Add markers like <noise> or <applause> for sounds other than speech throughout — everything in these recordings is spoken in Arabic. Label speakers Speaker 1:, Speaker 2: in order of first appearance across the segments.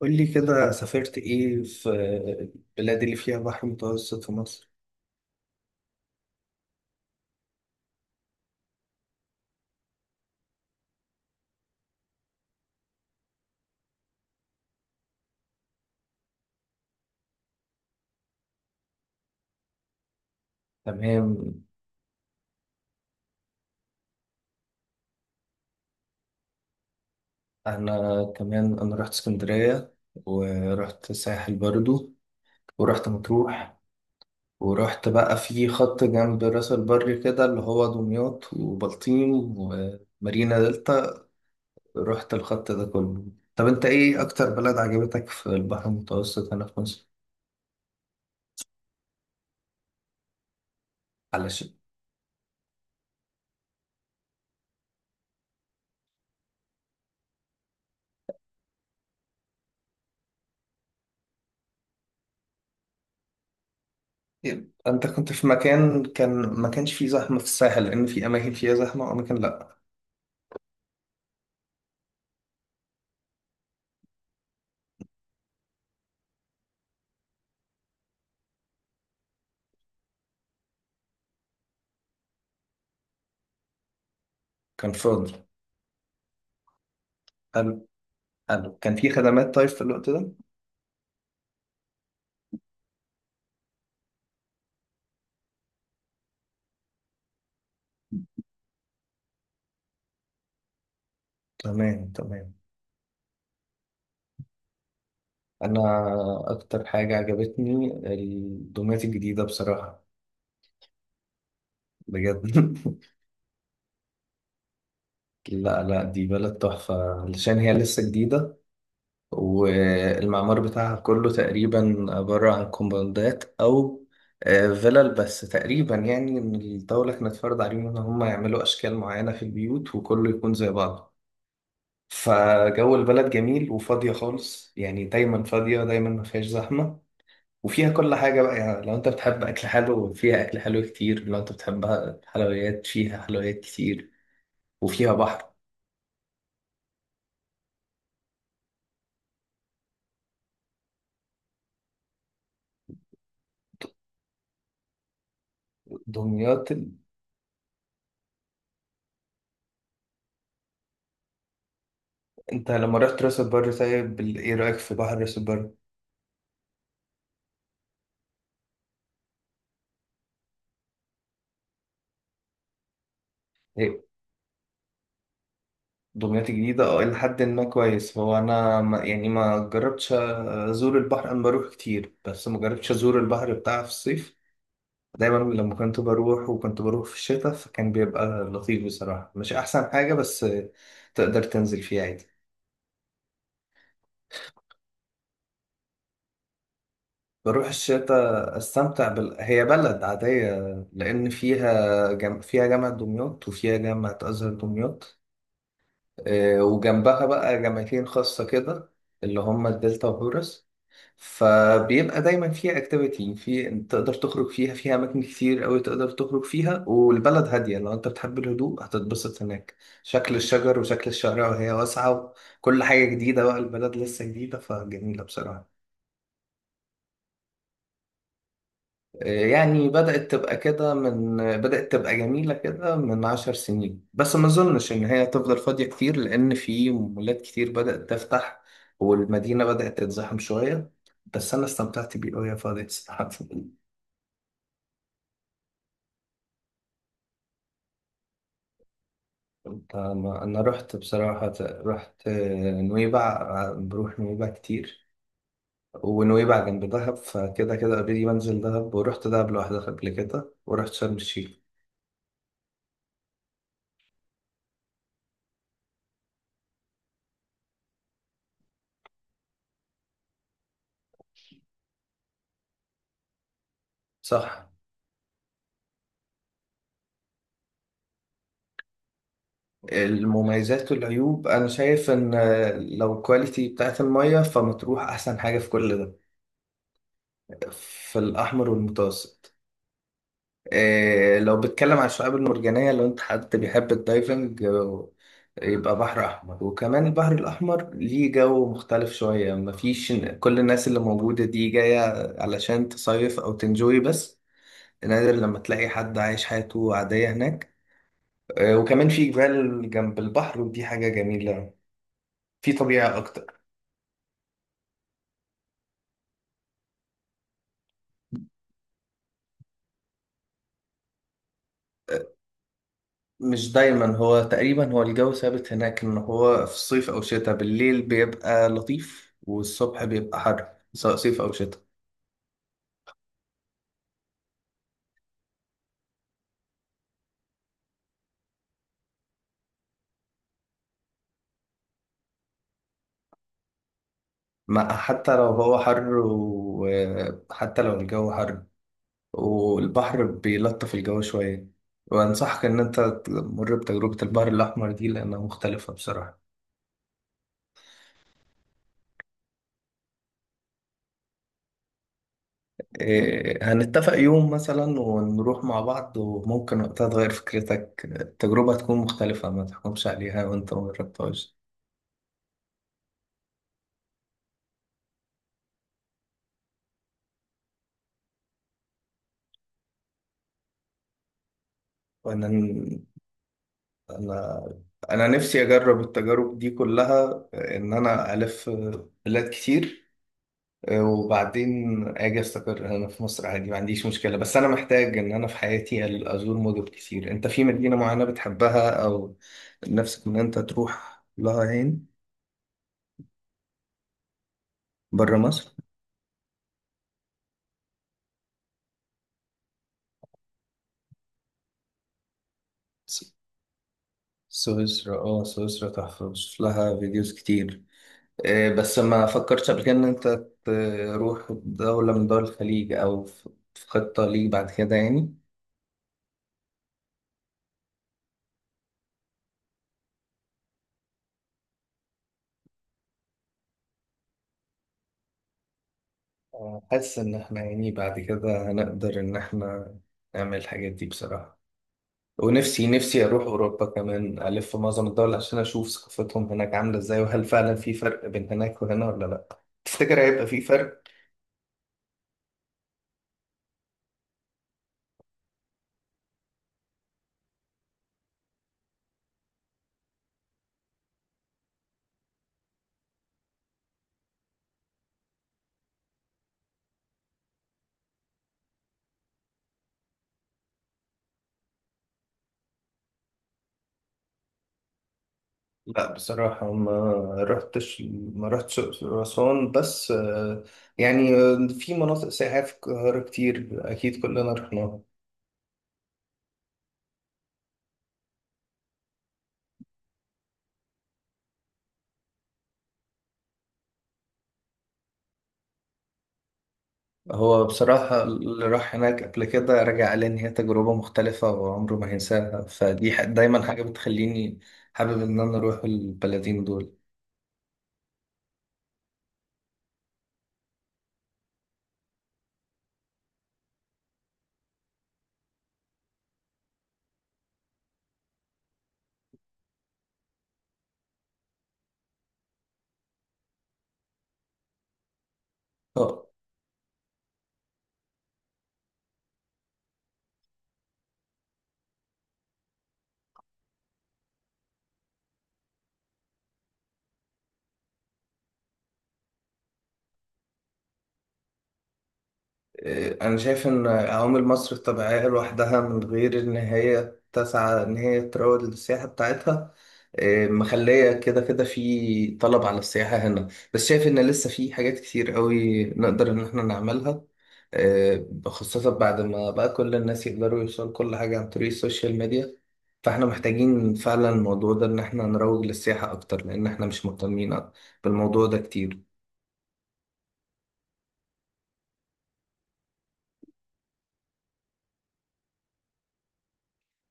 Speaker 1: قول لي كده، سافرت ايه في البلاد اللي فيها بحر متوسط في مصر؟ تمام. انا كمان رحت اسكندريه، ورحت الساحل برضو، ورحت مطروح، ورحت بقى في خط جنب راس البر كده، اللي هو دمياط وبلطيم ومارينا دلتا. رحت الخط ده كله. طب انت ايه اكتر بلد عجبتك في البحر المتوسط هنا في مصر؟ علشان انت كنت في مكان كان ما كانش فيه زحمه في الساحل، لان في اماكن فيها زحمه واماكن لا؟ كان فاضي. حلو، حلو. كان في خدمات طيب في الوقت ده؟ تمام، تمام. انا اكتر حاجة عجبتني الدومات الجديدة بصراحة، بجد <laughs> لا، لا، دي بلد تحفة علشان هي لسه جديدة، والمعمار بتاعها كله تقريبا عبارة عن كومباوندات أو فيلل بس تقريبا، يعني إن الدولة كانت فرض عليهم إن هم يعملوا أشكال معينة في البيوت وكله يكون زي بعضه. فجو البلد جميل وفاضية خالص، يعني دايما فاضية، دايما ما فيهاش زحمة، وفيها كل حاجة بقى. يعني لو انت بتحب أكل حلو فيها أكل حلو كتير، لو انت بتحب حلويات فيها حلويات كتير، وفيها بحر. دمياط. انت لما رحت راس البر طيب، ايه رأيك في بحر راس البر؟ إيه، دمياط الجديدة إلى حد ما كويس. هو أنا ما يعني ما جربتش أزور البحر، أنا بروح كتير بس ما جربتش أزور البحر بتاعها في الصيف. دايما لما كنت بروح، وكنت بروح في الشتاء، فكان بيبقى لطيف بصراحة، مش أحسن حاجة، بس تقدر تنزل فيها عادي. بروح الشتاء أستمتع هي بلد عادية، لأن فيها فيها جامعة دمياط وفيها جامعة أزهر دمياط، وجنبها بقى جامعتين خاصة كده، اللي هما الدلتا وهورس. فبيبقى دايما فيها اكتيفيتي، في تقدر تخرج فيها، فيها اماكن كتير قوي تقدر تخرج فيها، والبلد هاديه، لو انت بتحب الهدوء هتتبسط هناك. شكل الشجر وشكل الشارع، وهي واسعه، وكل حاجه جديده، بقى البلد لسه جديده فجميله بصراحه. يعني بدأت تبقى جميلة كده من 10 سنين، بس ما أظنش إن هي تفضل فاضية كتير، لأن في مولات كتير بدأت تفتح، والمدينة بدأت تتزحم شوية. بس أنا استمتعت بيه وهي فاضية صراحة <laughs> أنا رحت بصراحة، رحت نويبع، بروح نويبع كتير، ونويبع جنب دهب، فكده كده أوريدي بنزل دهب، ورحت دهب لوحدها قبل كده، ورحت شرم الشيخ. صح. المميزات والعيوب انا شايف ان لو الكواليتي بتاعت المية، فمطروح احسن حاجة في كل ده، في الاحمر والمتوسط. إيه، لو بتكلم عن الشعاب المرجانية، لو انت حد بيحب الدايفنج، يبقى بحر احمر. وكمان البحر الاحمر ليه جو مختلف شوية، مفيش كل الناس اللي موجودة دي جاية علشان تصيف او تنجوي بس، نادر لما تلاقي حد عايش حياته عادية هناك. وكمان في جبال جنب البحر ودي حاجة جميلة، في طبيعة أكتر. مش دايما، هو تقريبا هو الجو ثابت هناك، ان هو في الصيف او شتاء بالليل بيبقى لطيف والصبح بيبقى حر، سواء صيف او شتاء. ما حتى لو هو حر، وحتى لو الجو حر، والبحر بيلطف الجو شوية. وأنصحك إن أنت تمر بتجربة البحر الأحمر دي، لأنها مختلفة بصراحة. إيه، هنتفق يوم مثلا ونروح مع بعض، وممكن وقتها تغير فكرتك، التجربة تكون مختلفة، ما تحكمش عليها وأنت مجربتهاش. وإن انا انا نفسي اجرب التجارب دي كلها، ان انا الف بلاد كتير، وبعدين اجي استقر هنا في مصر عادي، ما عنديش مشكله، بس انا محتاج ان انا في حياتي ازور مدن كتير. انت في مدينه معينه بتحبها، او نفسك ان انت تروح لها، هين بره مصر؟ س- سويسرا تحفه، بشوف لها فيديوز كتير. بس ما فكرتش قبل كده ان انت تروح دولة من دول الخليج، او في خطة ليك بعد كده يعني؟ حاسس إن إحنا يعني بعد كده هنقدر إن إحنا نعمل الحاجات دي بصراحة. ونفسي أروح أوروبا كمان، ألف في معظم الدول عشان أشوف ثقافتهم هناك عاملة إزاي، وهل فعلا في فرق بين هناك وهنا ولا لأ. تفتكر هيبقى في فرق؟ لأ بصراحة، رحتش ما رحتش الأقصر وأسوان، بس يعني في مناطق سياحية في القاهرة كتير، أكيد كلنا رحناها. هو بصراحة اللي راح هناك قبل كده رجع قال لي إن هي تجربة مختلفة وعمره ما هينساها، فدي دايما حاجة بتخليني حابب إن أنا أروح البلدين دول. أنا شايف إن عوامل مصر الطبيعية لوحدها، من غير إن هي تسعى إن هي تروج للسياحة بتاعتها، مخلية كده كده في طلب على السياحة هنا، بس شايف إن لسه في حاجات كتير قوي نقدر إن إحنا نعملها، خاصة بعد ما بقى كل الناس يقدروا يوصلوا كل حاجة عن طريق السوشيال ميديا. فإحنا محتاجين فعلا الموضوع ده، إن إحنا نروج للسياحة أكتر، لأن إحنا مش مهتمين بالموضوع ده كتير.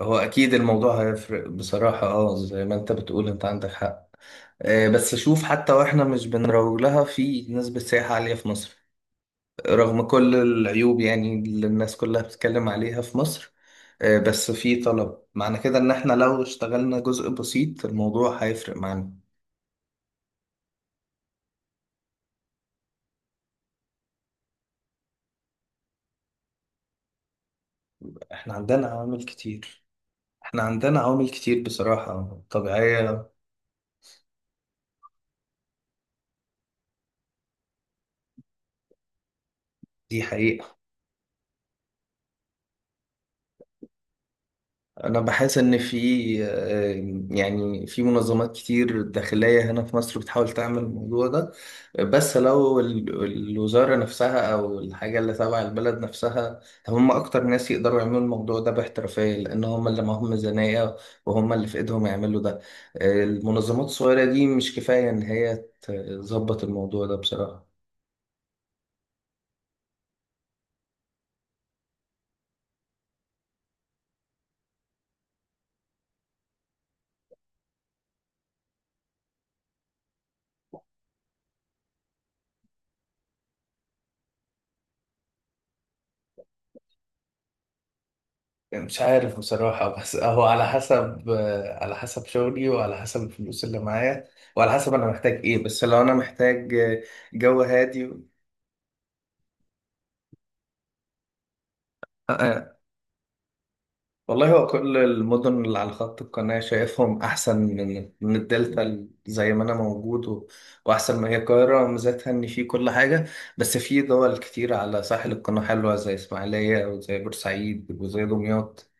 Speaker 1: هو اكيد الموضوع هيفرق بصراحة، زي ما انت بتقول، انت عندك حق. بس شوف، حتى واحنا مش بنروج لها، في نسبة سياحة عالية في مصر، رغم كل العيوب يعني اللي الناس كلها بتتكلم عليها في مصر. بس في طلب، معنى كده ان احنا لو اشتغلنا جزء بسيط الموضوع هيفرق معانا. احنا عندنا عوامل كتير احنا عندنا عوامل كتير بصراحة، طبيعية. دي حقيقة. أنا بحس إن في يعني في منظمات كتير داخلية هنا في مصر بتحاول تعمل الموضوع ده، بس لو الوزارة نفسها أو الحاجة اللي تبع البلد نفسها، هم أكتر ناس يقدروا يعملوا الموضوع ده باحترافية، لأن هم اللي معاهم ميزانية وهم اللي في إيدهم يعملوا ده. المنظمات الصغيرة دي مش كفاية إن هي تظبط الموضوع ده بصراحة. مش عارف بصراحة، بس هو على حسب شغلي، وعلى حسب الفلوس اللي معايا، وعلى حسب أنا محتاج إيه. بس لو أنا محتاج جو هادي آه، آه. والله هو كل المدن اللي على خط القناة شايفهم أحسن من الدلتا، زي ما أنا موجود وأحسن ما هي القاهرة ميزتها إن في كل حاجة. بس في دول كتير على ساحل القناة حلوة، زي إسماعيلية وزي بورسعيد وزي دمياط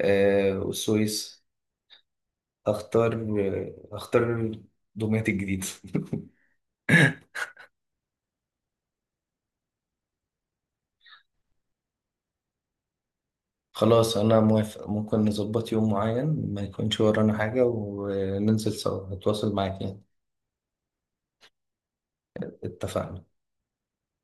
Speaker 1: والسويس. اختار اختار دمياط الجديد <laughs> خلاص، انا موافق، ممكن نظبط يوم معين ما يكونش ورانا حاجة وننزل سوا، نتواصل معاك يعني. اتفقنا.